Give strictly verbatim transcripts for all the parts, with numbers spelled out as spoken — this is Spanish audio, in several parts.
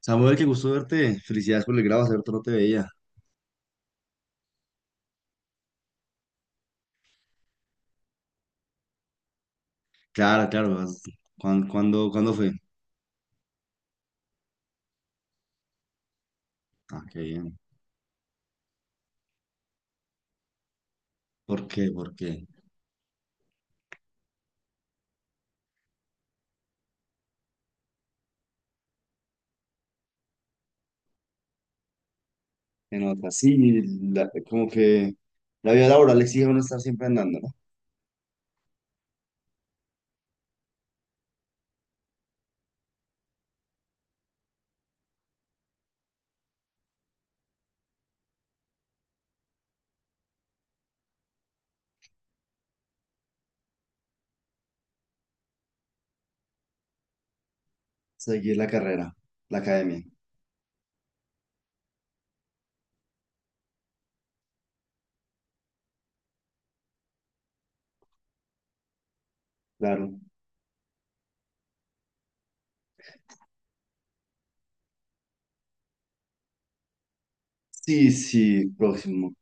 Samuel, qué gusto verte. Felicidades por el grado, hace rato no te veía. Claro, claro. vas- ¿Cuán- ¿Cuándo, cuándo, fue? Ah, qué bien. ¿Por qué? ¿Por qué? Se nota, sí, la- como que la vida laboral exige a uno estar siempre andando, ¿no? Seguir la carrera, la academia, claro. Sí, sí, próximo.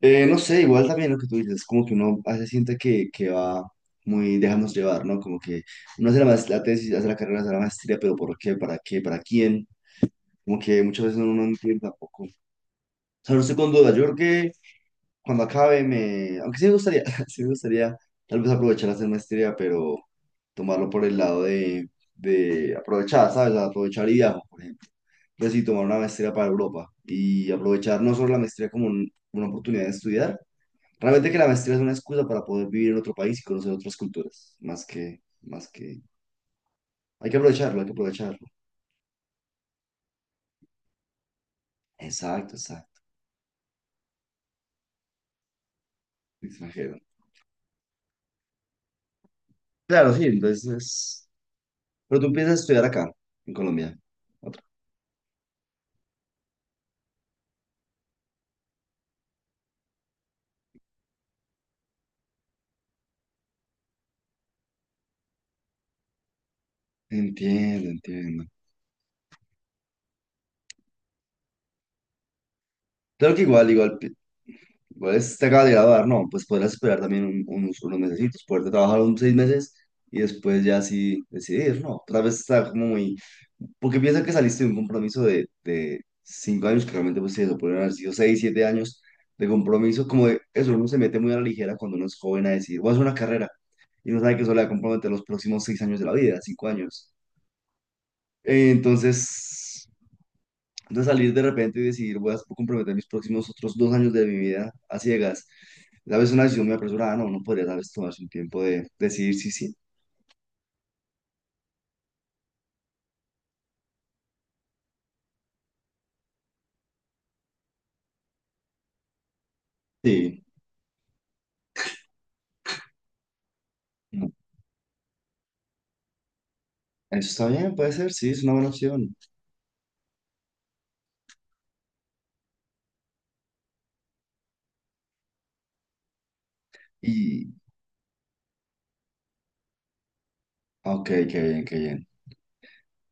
Eh, no sé, igual también lo que tú dices, como que uno a veces siente que, que va muy, déjanos llevar, ¿no? Como que uno hace la, maest- la tesis, hace la carrera, hace la maestría, pero ¿por qué? ¿Para qué? ¿Para quién? Como que muchas veces uno no entiende tampoco, sea, no salirse con duda. Yo creo que cuando acabe me... Aunque sí me gustaría, sí me gustaría tal vez aprovechar a hacer maestría, pero tomarlo por el lado de, de aprovechar, ¿sabes? Aprovechar y viajar, por ejemplo. Pues sí, tomar una maestría para Europa y aprovechar no solo la maestría como un- una oportunidad de estudiar, realmente que la maestría es una excusa para poder vivir en otro país y conocer otras culturas, más que, más que... Hay que aprovecharlo, hay que aprovecharlo. Exacto, exacto. Extranjero. Claro, sí, entonces... Pero tú empiezas a estudiar acá, en Colombia. Entiendo, entiendo. Claro que igual, igual, pi- igual es- te acaba de graduar, ¿no? Pues podrás esperar también un- unos, unos mesecitos, poderte trabajar unos seis meses y después ya sí decidir, ¿no? Tal vez está como muy... Porque piensa que saliste de un compromiso de, de cinco años, que realmente pues sí, eso podrían haber sido seis, siete años de compromiso, como de eso, uno se mete muy a la ligera cuando uno es joven a decir, voy a hacer una carrera y no sabe que eso le va a comprometer los próximos seis años de la vida, cinco años. Eh, entonces... de salir de repente y decidir, voy a comprometer mis próximos otros dos años de mi vida a ciegas. A veces una decisión muy apresurada, no, no podría tal vez tomarse un tiempo de decidir si sí, sí, no. Eso está bien, puede ser, sí, es una buena opción. Y, ok, qué bien, qué bien.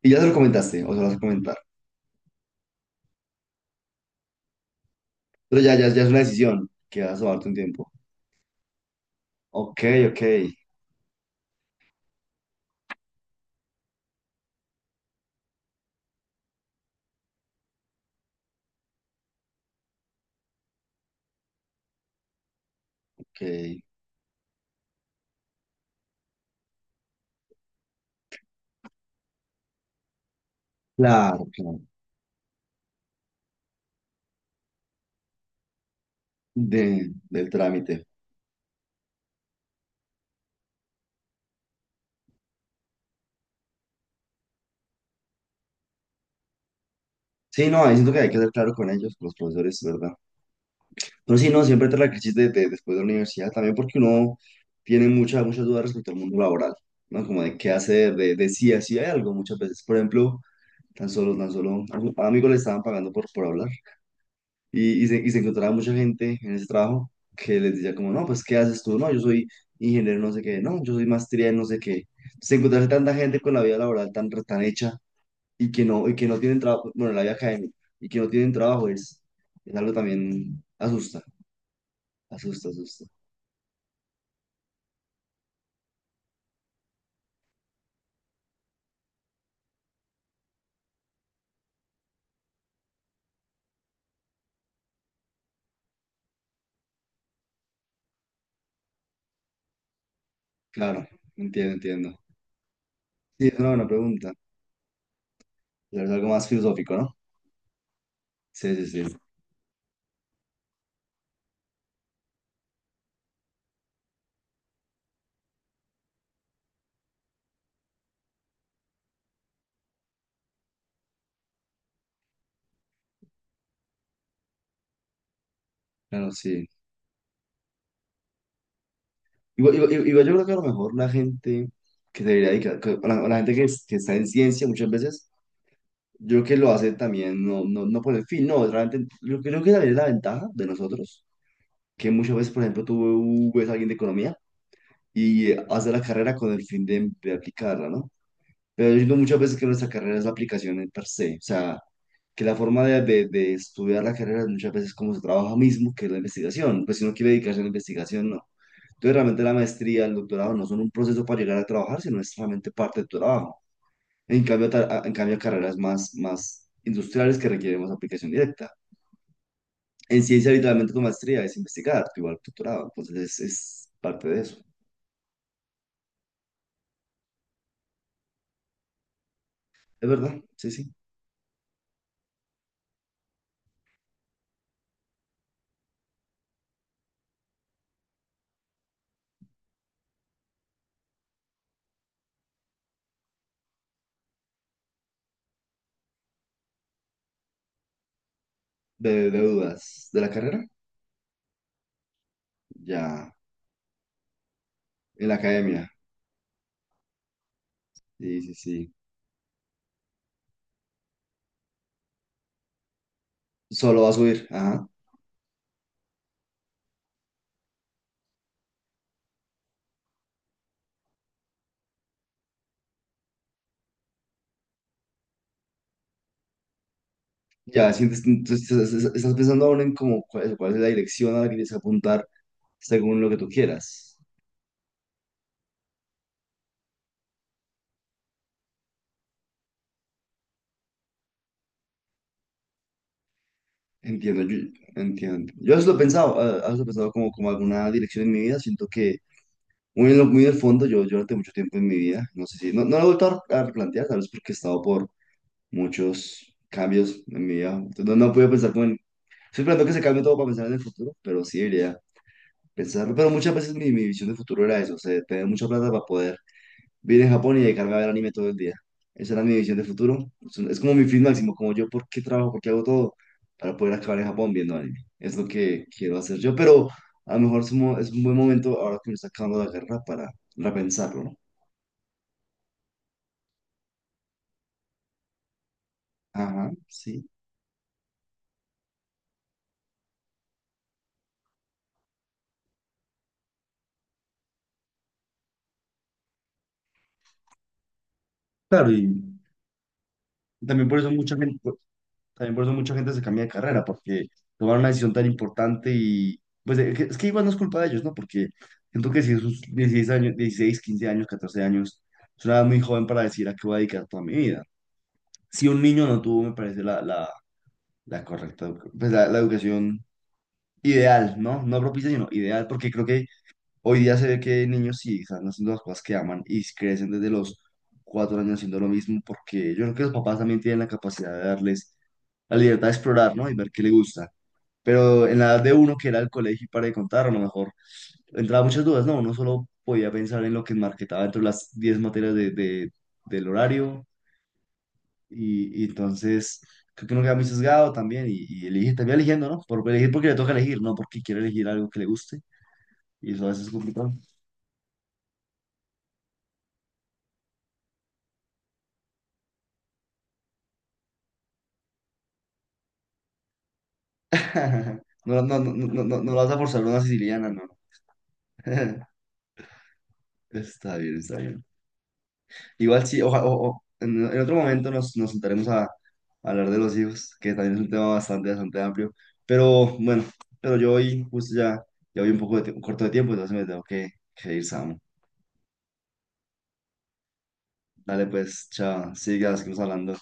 Y ya se lo comentaste, o se lo vas a comentar. Pero ya, ya, ya es una decisión que vas a tomarte un tiempo. Ok, ok, ok. Claro, claro. De, del trámite. Sí, no, ahí siento que hay que ser claro con ellos, con los profesores, ¿verdad? No, sí, no, siempre te la crisis de, de- después de la universidad, también porque uno tiene mucha, muchas dudas respecto al mundo laboral, ¿no? Como de qué hacer, de, de si así hay algo muchas veces. Por ejemplo, tan solo, tan solo, a un amigo le estaban pagando por, por hablar y, y, se, y se encontraba mucha gente en ese trabajo que les decía como, no, pues, ¿qué haces tú? No, yo soy ingeniero no sé qué, no, yo soy maestría en no sé qué. Se encontrarse tanta gente con la vida laboral tan, tan hecha y que no, y que no tienen trabajo, bueno, la vida académica, y que no tienen trabajo es, es algo también asusta, asusta, asusta. Claro, entiendo, entiendo. Sí, es una buena pregunta. La verdad, algo más filosófico, ¿no? Sí, sí, sí. Claro, sí. Igual, igual- igual yo creo que a lo mejor la gente que se debería dedicar, que- o la, o la gente que, es- que está en ciencia muchas veces, yo creo que lo hace también, no, no, no por el fin, no, realmente, yo creo que también es la ventaja de nosotros, que muchas veces, por ejemplo, tú ves a alguien de economía y hace la carrera con el fin de, de aplicarla, ¿no? Pero yo digo muchas veces que nuestra carrera es la aplicación en per se, o sea, que la forma de, de- de estudiar la carrera es muchas veces como se trabaja mismo, que es la investigación. Pues si uno quiere dedicarse a la investigación, no. Entonces realmente la maestría, el doctorado no son un proceso para llegar a trabajar, sino es realmente parte de tu trabajo. En cambio, ta- en cambio carreras más, más industriales que requieren más aplicación directa. En ciencia, literalmente tu maestría es investigar, tu igual tu doctorado. Entonces es, es parte de eso. Es verdad, sí, sí. De, de dudas de la carrera, ya en la academia. Sí, sí, sí. Solo va a subir, ajá. Ya, sientes, entonces estás estás- estás pensando aún en cómo, cuál, es cuál es la dirección a la que tienes que apuntar según lo que tú quieras. Entiendo, yo, entiendo. Yo eso lo he pensado, eh, eso lo he pensado como, como alguna dirección en mi vida. Siento que muy en, lo- muy en el fondo, yo, yo durante mucho tiempo en mi vida, no sé si, no, no lo he vuelto a, a replantear, tal vez porque he estado por muchos cambios en mi vida. Entonces, no, no he podido pensar como en, estoy esperando que se cambie todo para pensar en el futuro, pero sí debería pensarlo. Pero muchas veces mi, mi visión de futuro era eso, o sea, tener mucha plata para poder Vine a Japón y dedicarme a ver anime todo el día. Esa era mi visión de futuro. Es un- es como mi fin máximo, como yo, ¿por qué trabajo? ¿Por qué hago todo? Para poder acabar en Japón viendo anime. Es lo que quiero hacer yo, pero a lo mejor es un, mo- es un buen momento ahora que me está acabando la guerra para repensarlo, ¿no? Ajá, sí. Claro, y también por eso mucha gente. También por eso mucha gente se cambia de carrera, porque tomar una decisión tan importante y pues es que, es que igual no es culpa de ellos, ¿no? Porque siento que si sus dieciséis años, dieciséis, quince años, catorce años, es una edad muy joven para decir a qué voy a dedicar toda mi vida. Si un niño no tuvo, me parece la, la, la correcta, edu- pues la, la educación ideal, ¿no? No propicia, sino ideal, porque creo que hoy día se ve que niños sí están haciendo las cosas que aman y crecen desde los cuatro años haciendo lo mismo, porque yo creo que los papás también tienen la capacidad de darles la libertad de explorar, ¿no? Y ver qué le gusta. Pero en la edad de uno, que era el colegio y para de contar, a lo mejor entraba muchas dudas, ¿no? Uno solo podía pensar en lo que marketaba dentro de las diez materias de, de- del horario y, y entonces creo que uno queda muy sesgado también y, y elige, también eligiendo, ¿no? Por elegir porque le toca elegir, no porque quiere elegir algo que le guste y eso a veces es complicado. No, no, no, no, no, no vas a forzar una siciliana, no. Está bien, está bien. Igual sí, oja- o- o- en, en otro momento nos, nos sentaremos a, a hablar de los hijos, que también es un tema bastante, bastante amplio. Pero bueno, pero yo hoy justo ya, ya voy un poco de tie- corto de tiempo, entonces me tengo que, que ir, Sam. Dale pues, chao, sigas, seguimos hablando.